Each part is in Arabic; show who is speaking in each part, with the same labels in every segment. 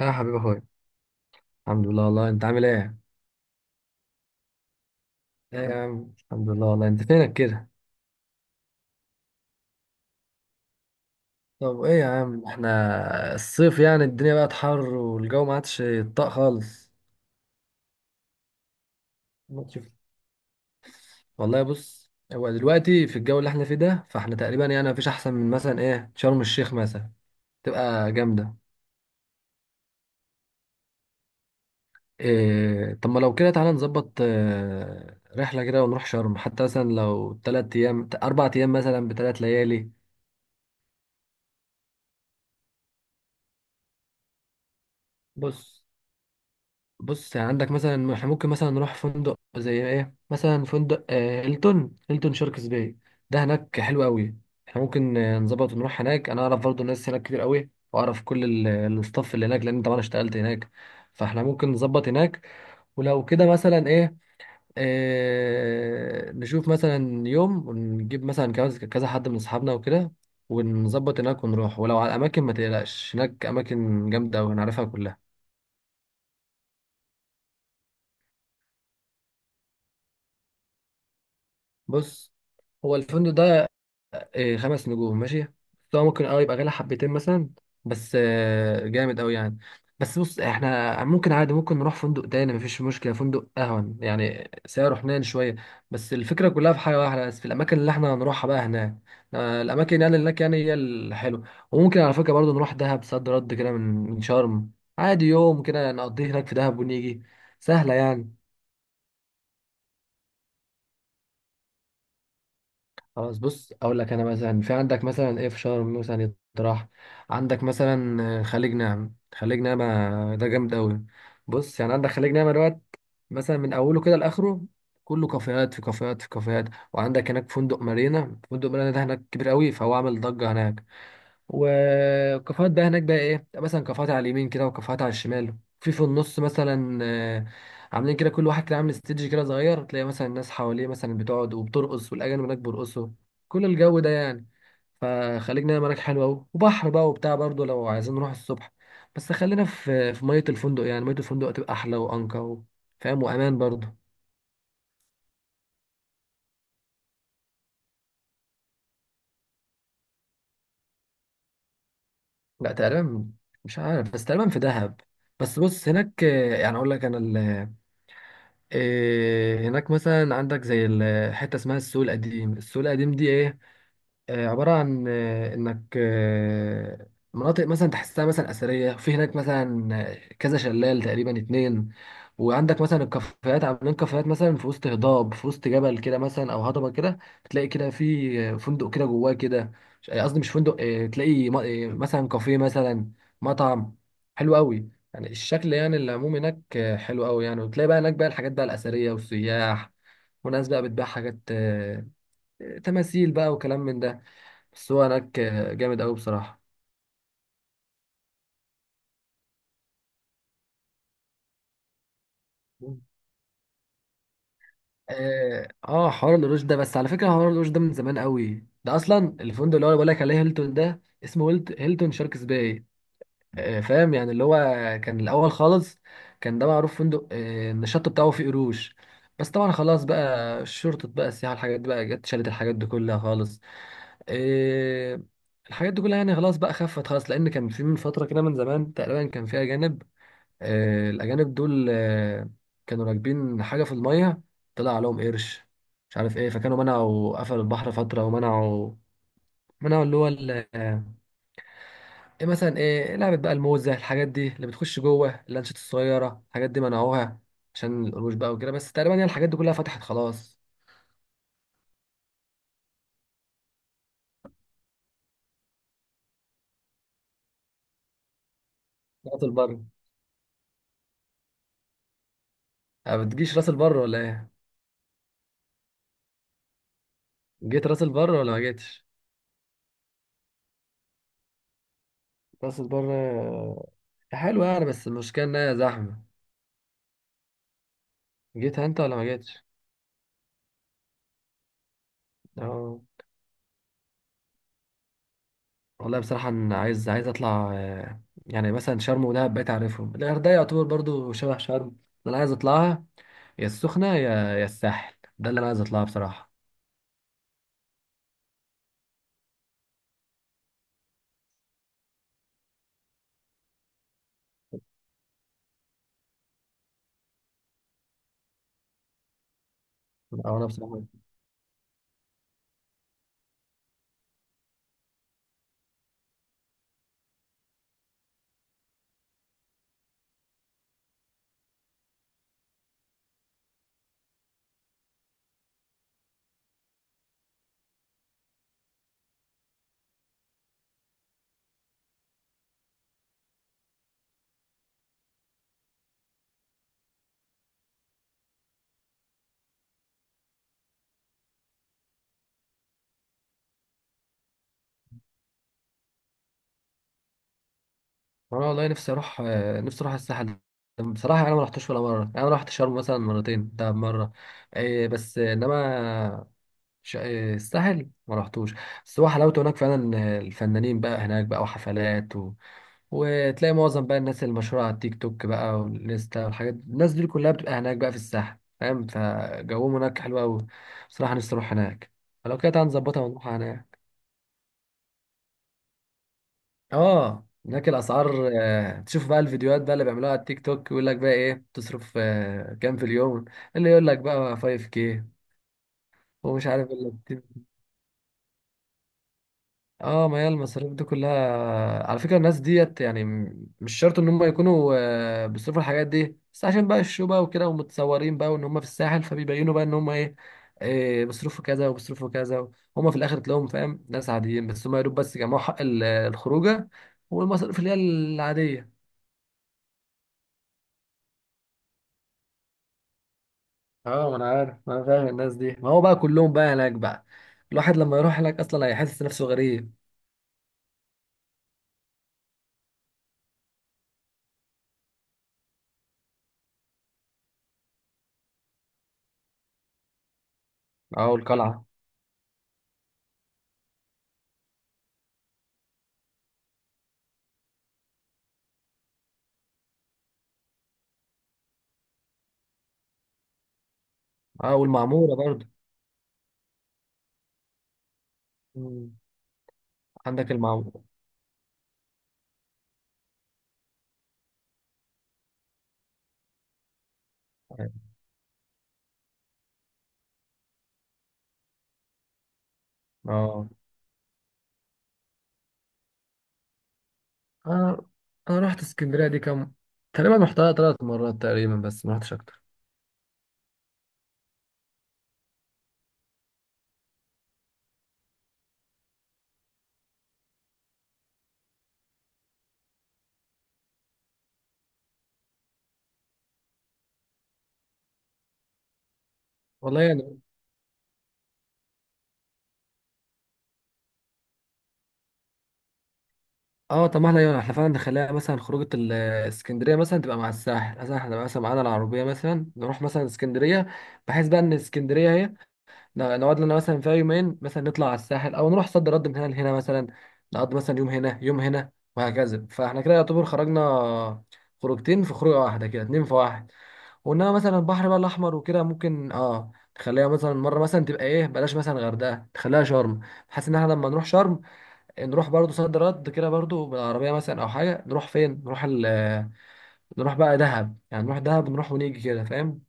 Speaker 1: يا حبيبي اخويا الحمد لله والله انت عامل ايه؟ ايه يا عم الحمد لله والله انت فينك كده؟ طب ايه يا عم احنا الصيف يعني الدنيا بقت حر والجو ما عادش يطاق خالص ما تشوف. والله بص هو دلوقتي في الجو اللي احنا فيه ده فاحنا تقريبا يعني مفيش احسن من مثلا ايه شرم الشيخ مثلا تبقى جامدة. إيه طب ما لو كده تعالى نظبط رحلة كده ونروح شرم حتى مثلا لو تلات ايام اربع ايام مثلا بتلات ليالي. بص بص يعني عندك مثلا احنا ممكن مثلا نروح فندق زي ايه مثلا فندق هيلتون هيلتون شاركس باي ده هناك حلو قوي. احنا ممكن نظبط ونروح هناك انا اعرف برضو ناس هناك كتير قوي واعرف كل ال- الستاف اللي هناك لان طبعا اشتغلت هناك فاحنا ممكن نظبط هناك. ولو كده مثلا ايه نشوف مثلا يوم ونجيب مثلا كذا كذا حد من اصحابنا وكده ونظبط هناك ونروح، ولو على الاماكن ما تقلقش هناك اماكن جامده ونعرفها كلها. بص هو الفندق ده خمس نجوم ماشي، فهو ممكن اه يبقى غالي حبتين مثلا بس جامد قوي يعني. بس بص احنا ممكن عادي ممكن نروح فندق تاني مفيش مشكلة فندق اهون يعني سعره حنين شوية. بس الفكرة كلها في حاجة واحدة بس في الأماكن اللي احنا هنروحها بقى هناك، الأماكن يعني هناك يعني هي الحلوة. وممكن على فكرة برضه نروح دهب صد رد كده من من شرم عادي يوم كده نقضيه هناك في دهب ونيجي سهلة يعني. خلاص بص اقول لك انا مثلا في عندك مثلا ايه في شرم مثلا يطرح عندك مثلا خليج نعمة خليج نعمة ده جامد قوي. بص يعني عندك خليج نعمة دوت مثلا من اوله كده لاخره كله كافيهات في كافيهات في كافيهات. وعندك هناك فندق مارينا فندق مارينا ده هناك كبير قوي فهو عامل ضجة هناك. والكافيهات بقى هناك بقى ايه مثلا كافيهات على اليمين كده وكافيهات على الشمال في النص مثلا عاملين كده، كل واحد كده عامل استيدج كده صغير، تلاقي مثلا الناس حواليه مثلا بتقعد وبترقص والاجانب هناك بيرقصوا كل الجو ده يعني. فخليج نعمة هناك حلو قوي، وبحر بقى وبتاع برضه لو عايزين نروح الصبح بس خلينا في مية الفندق، يعني مية الفندق هتبقى احلى وانقى فاهم وامان برضه. لا تقريبا مش عارف بس تقريبا في دهب. بس بص هناك يعني اقول لك انا إيه، هناك مثلا عندك زي حته اسمها السوق القديم. السوق القديم دي ايه عبارة عن إنك مناطق مثلا تحسها مثلا أثرية، في هناك مثلا كذا شلال تقريبا اتنين. وعندك مثلا الكافيهات عاملين كافيهات مثلا في وسط هضاب في وسط جبل كده مثلا أو هضبة كده، تلاقي كده في فندق كده جواه كده قصدي مش فندق تلاقي مثلا كافيه مثلا مطعم حلو قوي. يعني الشكل يعني العموم هناك حلو قوي يعني، وتلاقي بقى هناك بقى الحاجات بقى الأثرية والسياح وناس بقى بتبيع حاجات تماثيل بقى وكلام من ده. بس هو هناك جامد قوي بصراحه. مم. اه حوار القروش ده بس على فكره حوار القروش ده من زمان قوي، ده اصلا الفندق اللي هو بقول لك عليه هيلتون ده اسمه هيلتون شاركس باي. فاهم يعني اللي هو كان الاول خالص كان ده معروف فندق ان الشط بتاعه فيه قروش. بس طبعا خلاص بقى شرطة بقى السياحة الحاجات دي بقى جت شالت الحاجات دي كلها خالص، آه، الحاجات دي كلها يعني خلاص بقى خفت خالص. لأن كان في من فترة كده من زمان تقريبا كان في أجانب الأجانب دول كانوا راكبين حاجة في المية طلع عليهم قرش مش عارف ايه، فكانوا منعوا قفلوا البحر فترة ومنعوا منعوا اللي هو ال- آه، ايه مثلا ايه لعبة بقى الموزة الحاجات دي اللي بتخش جوه اللانشات الصغيرة الحاجات دي منعوها عشان القروش بقى وكده، بس تقريبا يعني الحاجات دي كلها فتحت خلاص. راس البر بتجيش راس البر ولا ايه؟ جيت راس البر ولا ما جيتش؟ راس البر حلوة يعني بس المشكلة انها زحمة. جيتها انت ولا ما جيتش؟ اه والله بصراحة أنا عايز أطلع يعني مثلا شرم ودهب بقيت أعرفهم، الغردقة يعتبر برضو شبه شرم. أنا عايز أطلعها، يا السخنة يا الساحل، ده اللي أنا عايز أطلعها بصراحة. أو أنا بصراحة أنا والله نفسي أروح نفسي أروح الساحل. بصراحة أنا ما رحتش ولا مرة، يعني أنا رحت شرم مثلا مرتين دهب مرة إيه، بس إنما الساحل ما رحتوش. بس هو حلاوته هناك فعلا الفنانين بقى هناك بقى وحفلات، وتلاقي معظم بقى الناس المشهورة على التيك توك بقى والانستا والحاجات دي. الناس دي كلها بتبقى هناك بقى في الساحل فاهم، فجوهم هناك حلو أوي بصراحة. نفسي أروح هناك، لو كده تعالى نظبطها ونروح هناك. اه هناك الأسعار تشوف بقى الفيديوهات بقى اللي بيعملوها على التيك توك يقول لك بقى إيه تصرف كام في اليوم، اللي يقول لك بقى 5K ومش عارف اللي اه. ما هي المصاريف دي كلها على فكرة الناس ديت يعني مش شرط ان هم يكونوا بيصرفوا الحاجات دي، بس عشان بقى الشو بقى وكده ومتصورين بقى وان هم في الساحل فبيبينوا بقى ان هم ايه، إيه بيصرفوا كذا وبيصرفوا كذا. هم في الاخر تلاقيهم فاهم ناس عاديين بس هم يا دوب بس جمعوا حق الخروجه والمصاريف اللي هي العاديه. اه ما انا عارف ما انا فاهم الناس دي، ما هو بقى كلهم بقى هناك بقى الواحد لما يروح هناك اصلا هيحس نفسه غريب. اه والقلعه. اه والمعموره برضه. مم. عندك المعموره. اه انا انا رحت اسكندريه دي كام، تقريبا رحتها ثلاث مرات تقريبا بس ما رحتش اكتر. والله يعني اه طب ما احنا يعني احنا فعلا نخليها مثلا خروجه اسكندريه مثلا تبقى مع الساحل، مثلا احنا نبقى مثلا معانا العربيه مثلا نروح مثلا اسكندريه، بحيث بقى ان اسكندريه اهي نقعد لنا مثلا فيها يومين، مثلا نطلع على الساحل او نروح صد رد من هنا لهنا مثلا، نقضي مثلا يوم هنا يوم هنا وهكذا فاحنا كده يعتبر خرجنا خروجتين في خروجه واحده كده اتنين في واحد. وانما مثلا البحر بقى الاحمر وكده ممكن اه تخليها مثلا مره مثلا تبقى ايه بلاش مثلا غردقه تخليها شرم، بحيث ان احنا لما نروح شرم إيه، نروح برضو صد رد كده برضو بالعربيه مثلا او حاجه نروح فين، نروح ال نروح بقى دهب يعني نروح دهب نروح ونيجي كده فاهم.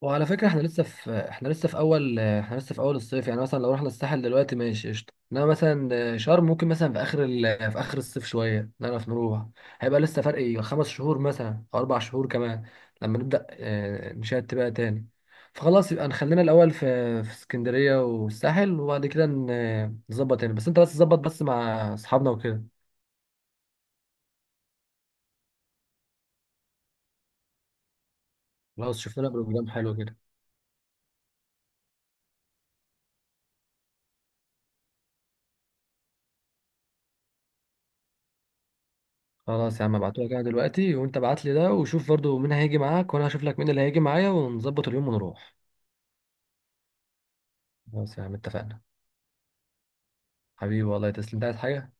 Speaker 1: وعلى فكرة احنا لسه في اول الصيف، يعني مثلا لو رحنا الساحل دلوقتي ماشي قشطة، انما مثلا شرم ممكن مثلا في اخر في اخر الصيف شوية نعرف نروح. هيبقى لسه فرق ايه خمس شهور مثلا او اربع شهور كمان لما نبدأ نشات بقى تاني. فخلاص يبقى نخلينا الاول في في اسكندرية والساحل، وبعد كده نظبط تاني بس انت بس ظبط بس مع اصحابنا وكده. خلاص شفنا لنا بروجرام حلو كده. خلاص يا عم ابعتهولك انا دلوقتي، وانت ابعت لي ده وشوف برضو مين هيجي معاك وانا هشوف لك مين اللي هيجي معايا ونظبط اليوم ونروح. خلاص يا عم اتفقنا. حبيبي والله تسلم، انت عايز حاجة؟